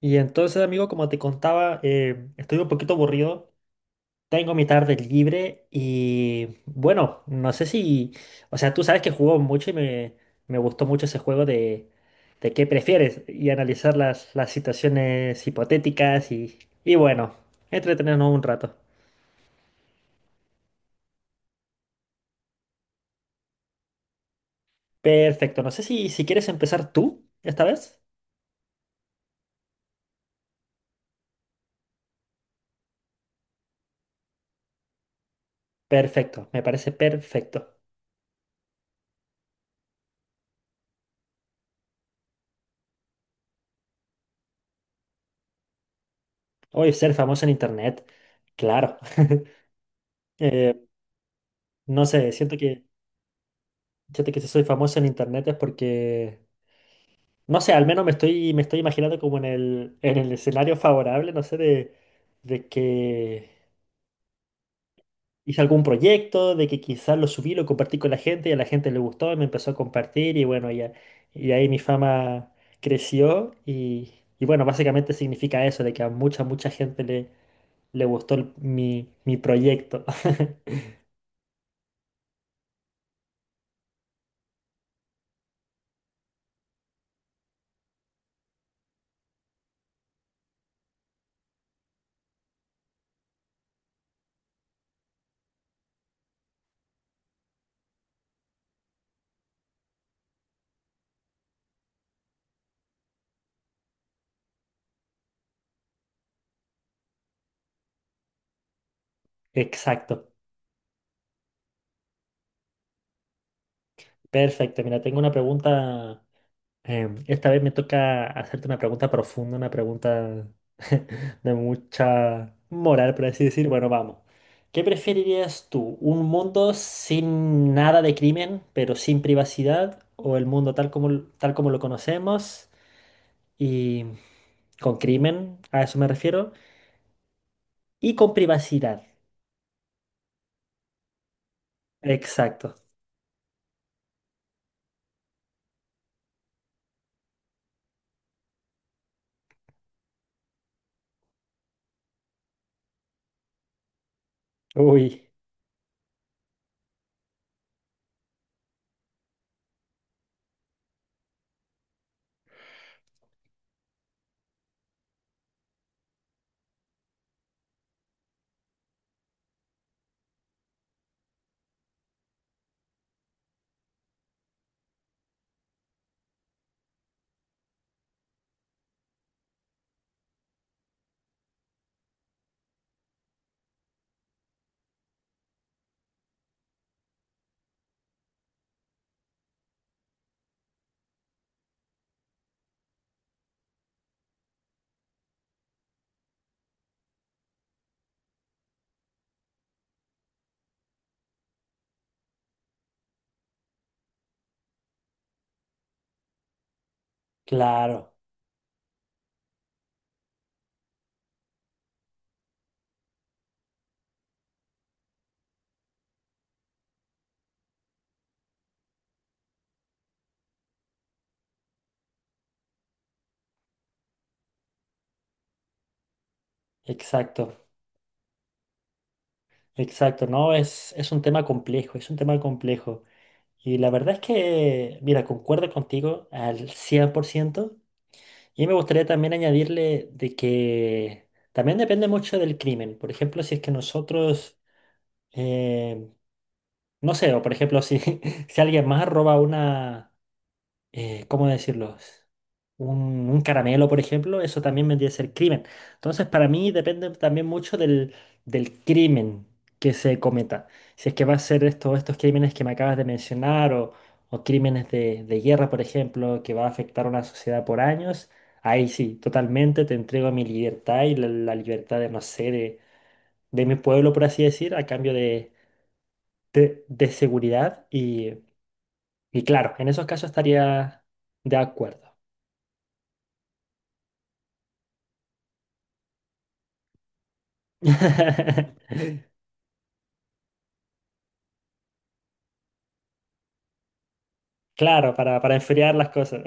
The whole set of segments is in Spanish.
Y entonces, amigo, como te contaba, estoy un poquito aburrido, tengo mi tarde libre y bueno, no sé si, o sea, tú sabes que jugó mucho y me gustó mucho ese juego de qué prefieres y analizar las situaciones hipotéticas y bueno, entretenernos un rato. Perfecto, no sé si, si quieres empezar tú esta vez. Perfecto, me parece perfecto. Hoy ser famoso en internet, claro. Eh, no sé, siento que... Fíjate que si soy famoso en internet es porque, no sé, al menos me estoy imaginando como en en el escenario favorable, no sé, de que hice algún proyecto, de que quizás lo subí, lo compartí con la gente y a la gente le gustó y me empezó a compartir y bueno, ya, y ahí mi fama creció y bueno, básicamente significa eso, de que a mucha gente le gustó mi proyecto. Exacto, perfecto. Mira, tengo una pregunta. Esta vez me toca hacerte una pregunta profunda, una pregunta de mucha moral, por así decir. Bueno, vamos. ¿Qué preferirías tú? ¿Un mundo sin nada de crimen, pero sin privacidad? ¿O el mundo tal como lo conocemos y con crimen, a eso me refiero, y con privacidad? Exacto. Uy, claro, exacto. Exacto, no, es un tema complejo, es un tema complejo. Y la verdad es que, mira, concuerdo contigo al 100 por ciento. Y me gustaría también añadirle de que también depende mucho del crimen. Por ejemplo, si es que nosotros, eh, no sé, o por ejemplo, si, si alguien más roba una, ¿cómo decirlo? Un caramelo, por ejemplo, eso también vendría a ser crimen. Entonces, para mí depende también mucho del crimen que se cometa. Si es que va a ser esto, estos crímenes que me acabas de mencionar o crímenes de guerra, por ejemplo, que va a afectar a una sociedad por años, ahí sí, totalmente te entrego mi libertad y la libertad de, no sé, de mi pueblo, por así decir, a cambio de seguridad. Y claro, en esos casos estaría de acuerdo. Claro, para enfriar las cosas.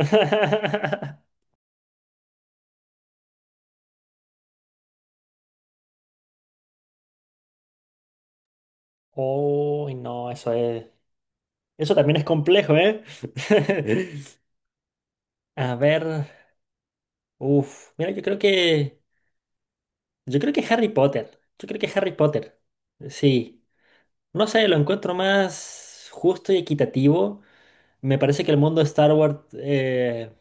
Uy, no, eso es. Eso también es complejo, ¿eh? A ver. Uf. Mira, yo creo que. Yo creo que Harry Potter. Yo creo que Harry Potter. Sí. No sé, lo encuentro más justo y equitativo. Me parece que el mundo de Star Wars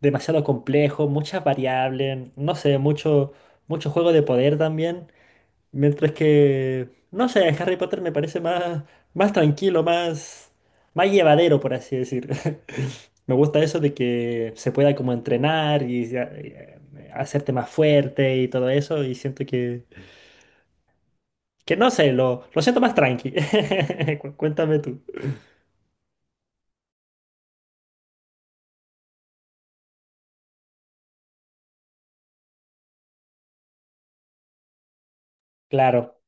demasiado complejo, muchas variables, no sé, mucho, mucho juego de poder también. Mientras que, no sé, Harry Potter me parece más, más tranquilo, más, más llevadero, por así decir. Me gusta eso de que se pueda como entrenar y hacerte más fuerte y todo eso. Y siento que no sé, lo siento más tranqui. Cuéntame tú. Claro,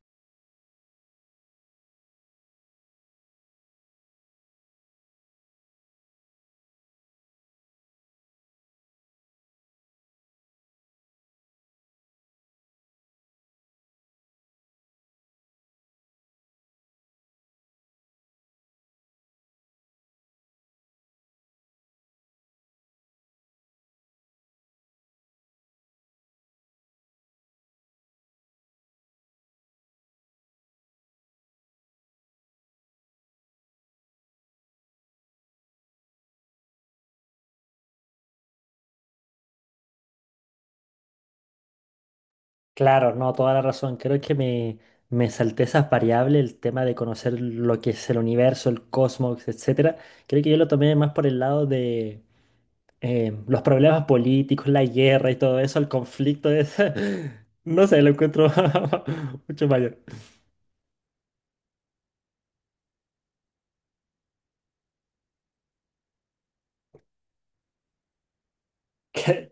claro, no, toda la razón. Creo que me salté esas variables, el tema de conocer lo que es el universo, el cosmos, etcétera. Creo que yo lo tomé más por el lado de los problemas políticos, la guerra y todo eso, el conflicto es, no sé, lo encuentro mucho mayor.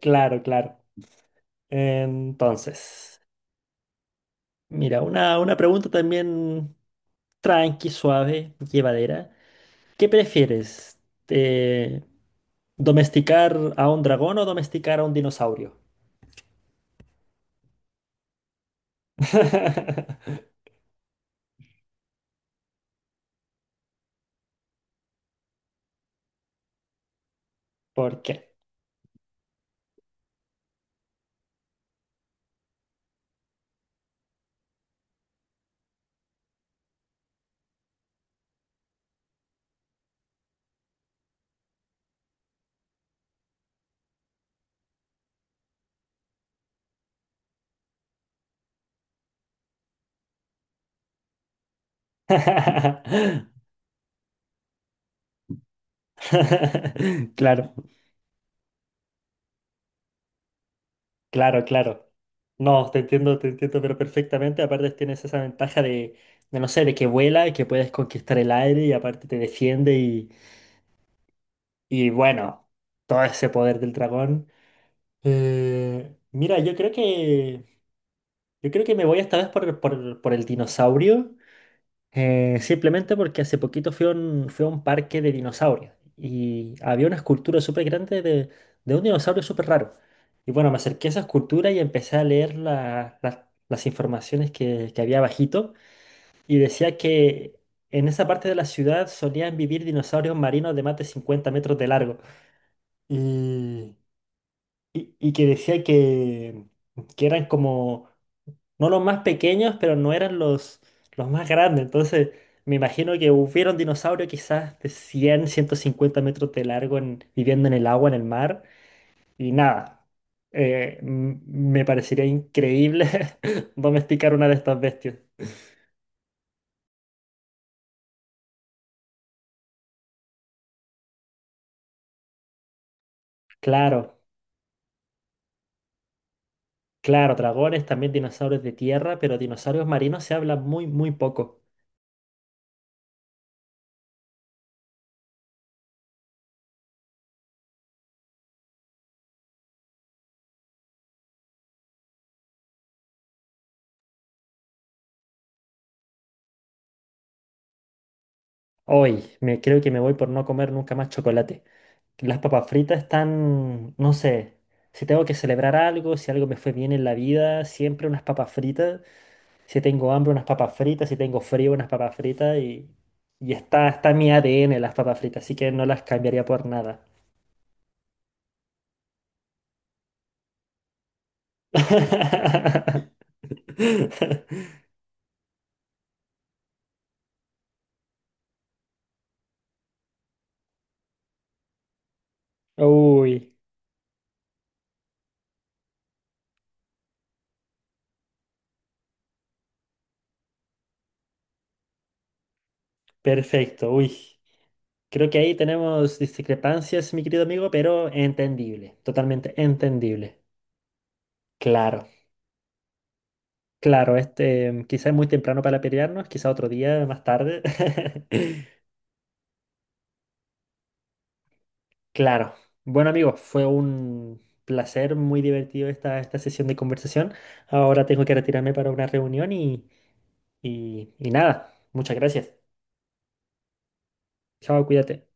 Claro, claro. Entonces, mira, una pregunta también tranqui, suave, llevadera. ¿Qué prefieres? Eh, ¿Domesticar a un dragón o domesticar a un dinosaurio? ¿Por qué? Claro. Claro, claro. No, te entiendo, pero perfectamente. Aparte tienes esa ventaja de no sé, de que vuela y que puedes conquistar el aire y aparte te defiende y bueno, todo ese poder del dragón. Mira, yo creo que me voy esta vez por el dinosaurio. Simplemente porque hace poquito fui a fui a un parque de dinosaurios y había una escultura súper grande de un dinosaurio súper raro. Y bueno, me acerqué a esa escultura y empecé a leer las informaciones que había bajito y decía que en esa parte de la ciudad solían vivir dinosaurios marinos de más de 50 metros de largo y, y que decía que eran como no los más pequeños, pero no eran los más grandes. Entonces, me imagino que hubiera un dinosaurio quizás de 100 150 metros de largo viviendo en el agua, en el mar. Y nada, me parecería increíble domesticar una de estas bestias. Claro, claro, dragones, también dinosaurios de tierra, pero dinosaurios marinos se habla muy, muy poco. Hoy, me creo que me voy por no comer nunca más chocolate. Las papas fritas están, no sé, si tengo que celebrar algo, si algo me fue bien en la vida, siempre unas papas fritas. Si tengo hambre, unas papas fritas. Si tengo frío, unas papas fritas. Y está en mi ADN las papas fritas, así que no las cambiaría por nada. Uy, perfecto, uy. Creo que ahí tenemos discrepancias, mi querido amigo, pero entendible, totalmente entendible. Claro. Claro, este, quizá es muy temprano para pelearnos, quizá otro día más tarde. Claro. Bueno, amigos, fue un placer, muy divertido esta sesión de conversación. Ahora tengo que retirarme para una reunión y nada, muchas gracias. Chao, cuídate.